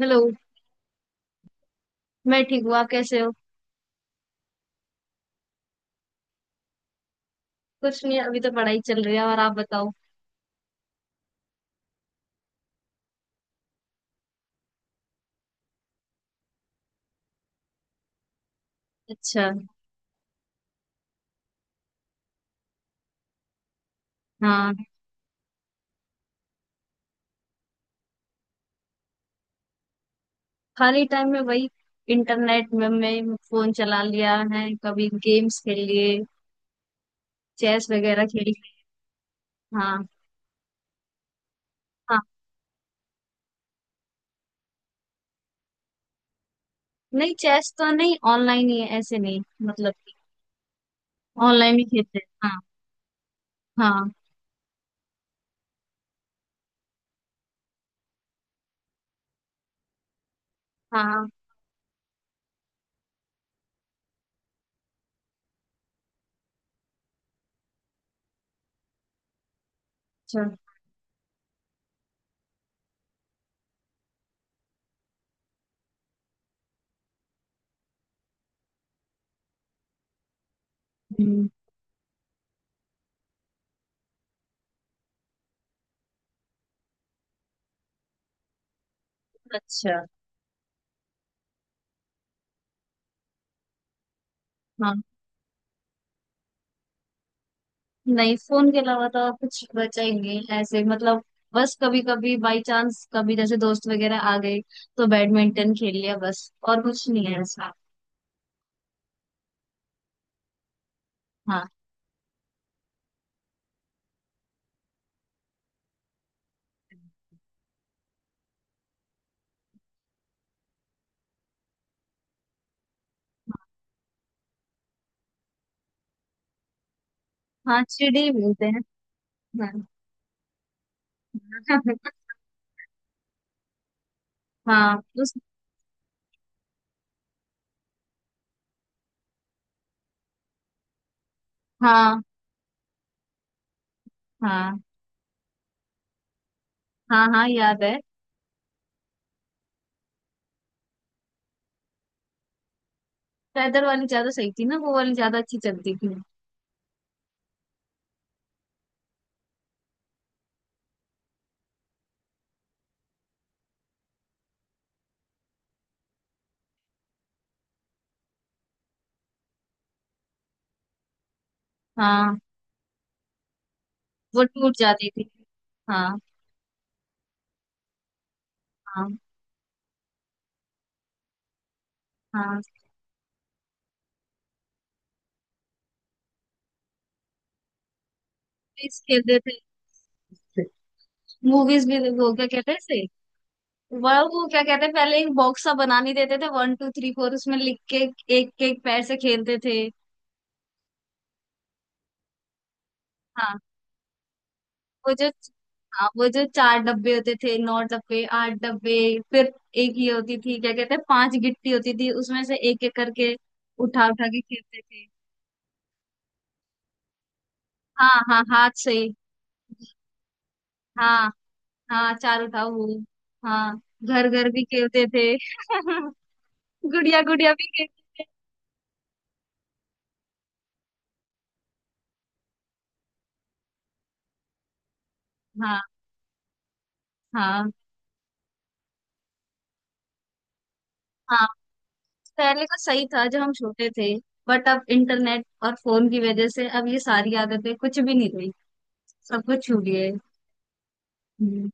Hello. मैं ठीक हूँ, आप कैसे हो? कुछ नहीं, अभी तो पढ़ाई चल रही है, और आप बताओ? अच्छा। हाँ। खाली टाइम में वही इंटरनेट में, मैं फोन चला लिया है, कभी गेम्स खेल लिए, चेस वगैरह खेल लिए। हाँ। हाँ, नहीं चेस तो नहीं, ऑनलाइन ही है, ऐसे नहीं मतलब। ऑनलाइन ही खेलते हैं, हाँ। हाँ। हाँ। अच्छा। हम्म। अच्छा। हाँ, नहीं फोन के अलावा तो और कुछ बचा ही नहीं है ऐसे मतलब। बस कभी कभी बाई चांस, कभी जैसे दोस्त वगैरह आ गए तो बैडमिंटन खेल लिया, बस और कुछ नहीं है ऐसा। हाँ। हाँ, चिड़ी बोलते हैं। हाँ। हाँ। उस। हाँ। हाँ। हाँ। हाँ, याद है। पैदल वाली ज्यादा सही थी ना, वो वाली ज्यादा अच्छी चलती थी। हाँ। वो टूट जाती थी। हाँ। हाँ। हाँ। चेस खेलते थे, मूवीज भी। वो क्या कहते हैं इसे, वह वो क्या कहते हैं, पहले एक बॉक्स सा बनाने देते थे, वन टू थ्री फोर उसमें लिख के एक एक पैर से खेलते थे। हाँ, वो जो। हाँ, वो जो चार डब्बे होते थे, नौ डब्बे, आठ डब्बे। फिर एक ये होती थी, क्या कहते हैं, पांच गिट्टी होती थी, उसमें से एक एक करके उठा उठा के खेलते थे। हाँ, हाँ, हाथ से। हाँ, हाँ चार उठाओ वो। हाँ। घर घर भी खेलते थे। गुड़िया गुड़िया भी खेलते थे। हाँ। हाँ। हाँ, पहले का सही था जब हम छोटे थे। बट अब इंटरनेट और फोन की वजह से अब ये सारी आदतें कुछ भी नहीं रही, सब कुछ छूट गए। हम्म।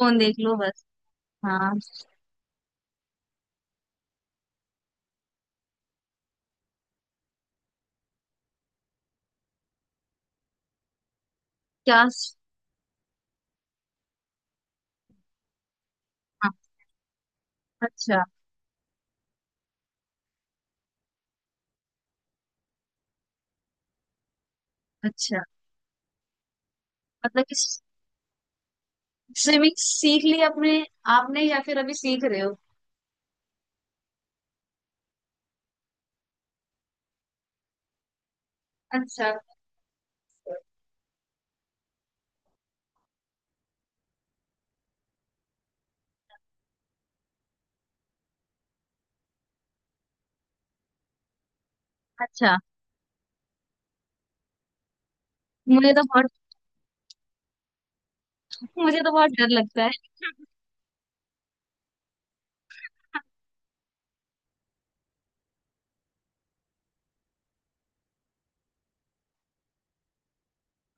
फोन देख लो बस। हाँ। क्या? हाँ। अच्छा। अच्छा, मतलब कि स्विमिंग सीख ली अपने आपने या फिर अभी सीख रहे हो? अच्छा। अच्छा। मुझे तो बहुत, मुझे तो बहुत डर लगता है।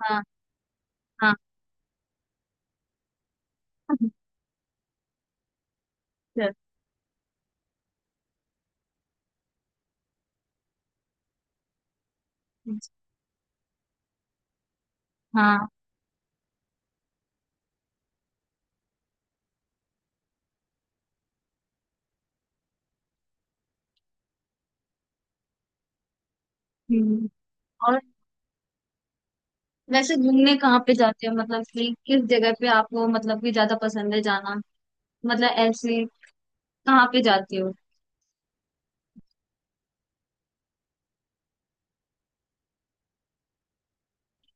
हाँ। हाँ। अच्छा। हाँ। हम्म। और वैसे घूमने कहाँ पे जाते हो, मतलब कि किस जगह पे आपको मतलब कि ज्यादा पसंद है जाना? मतलब ऐसे कहाँ पे जाती हो?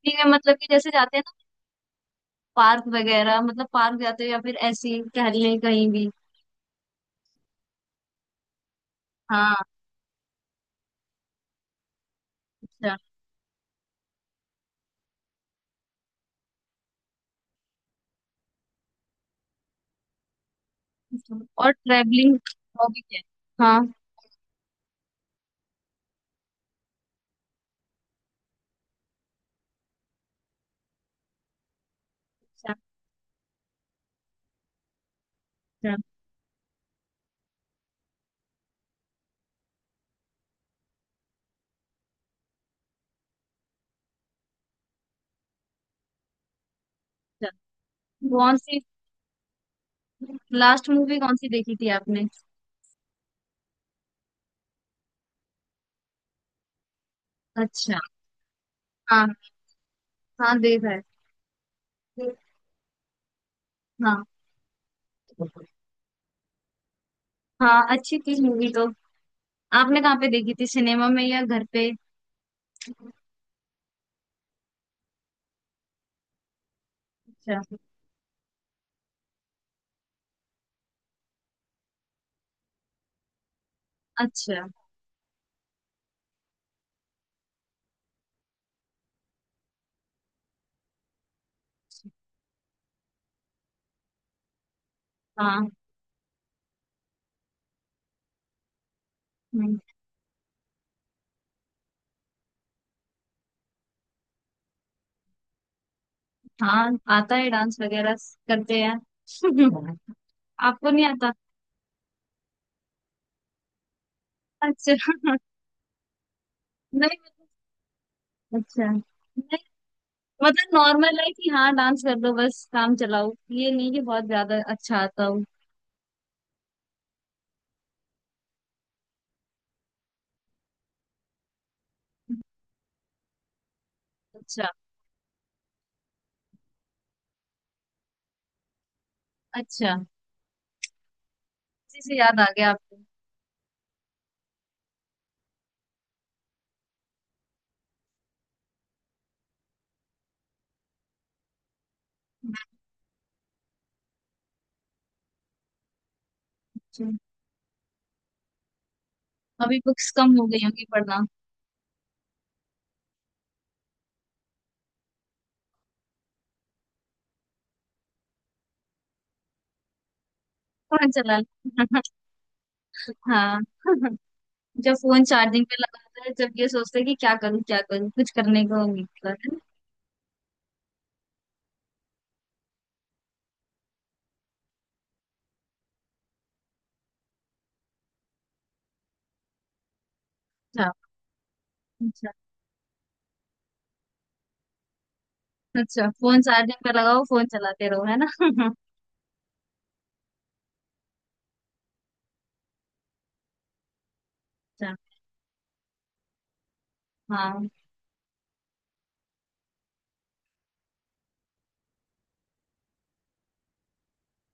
ठीक है, मतलब कि जैसे जाते हैं ना पार्क वगैरह, मतलब पार्क जाते हो या फिर ऐसे ही टहलने कहीं भी? हाँ। अच्छा। अच्छा। और ट्रेवलिंग हॉबी क्या है? हाँ। अच्छा। अच्छा। अच्छा। कौन सी लास्ट मूवी कौन सी देखी थी आपने? अच्छा। हाँ, हाँ, देखा है। हाँ, हाँ, अच्छी थी मूवी तो। आपने कहाँ पे देखी थी, सिनेमा में या घर पे? अच्छा। अच्छा। हाँ। हम्म। हाँ, आता है डांस वगैरह, करते हैं। आपको नहीं आता? अच्छा। नहीं मतलब। अच्छा, नहीं मतलब नॉर्मल है कि हाँ डांस कर लो बस, काम चलाओ, ये नहीं कि बहुत ज्यादा अच्छा आता हो। अच्छा। अच्छा, इसी से याद आ गया आपको? अच्छा। अभी बुक्स कम हो गई होंगी पढ़ना। फोन चला लो। हाँ। जब फोन चार्जिंग पे लगाता है, जब ये सोचते हैं कि क्या करूँ क्या करूँ, कुछ करने को नहीं होता है ना? अच्छा। अच्छा। अच्छा फोन चार्जिंग पे लगाओ फोन चलाते रहो, है ना? अच्छा। हाँ।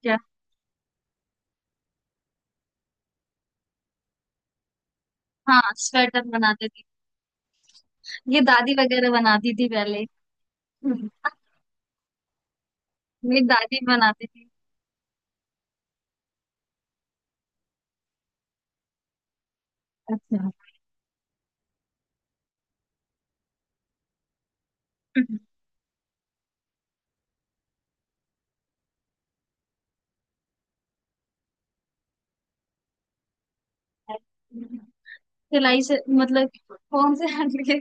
क्या? हाँ, स्वेटर बनाते, ये दादी वगैरह बनाती थी पहले। हम्म। मेरी दादी बनाती थी। अच्छा। हम्म। सिलाई से मतलब? कौन से हटके?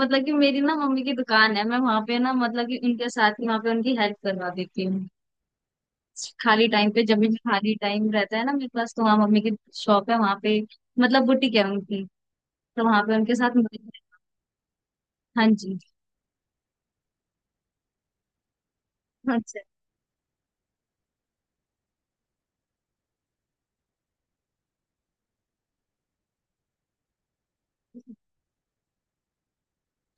मतलब कि मेरी ना मम्मी की दुकान है, मैं वहां पे ना मतलब कि उनके साथ ही वहां पे उनकी हेल्प करवा देती हूँ। खाली टाइम पे, जब भी खाली टाइम रहता है ना मेरे पास, तो वहाँ मम्मी की शॉप है वहां पे, मतलब बुटीक है उनकी, तो वहां पे उनके साथ मदद-। हाँ जी। अच्छा। अच्छा।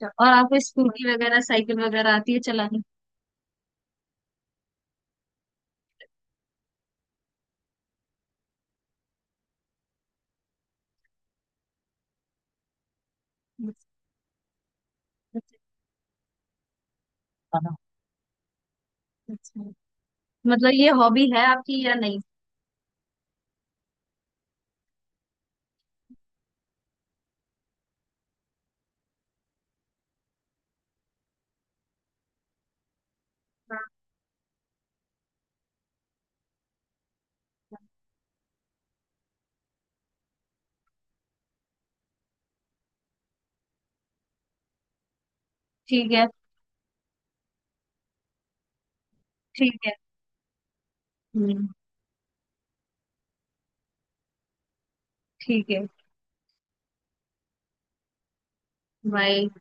और आपको स्कूटी वगैरह साइकिल वगैरह आती है चलानी? हाँ। मतलब ये हॉबी है आपकी या नहीं? हाँ। ठीक है। ठीक है। हम्म। ठीक है। भाई।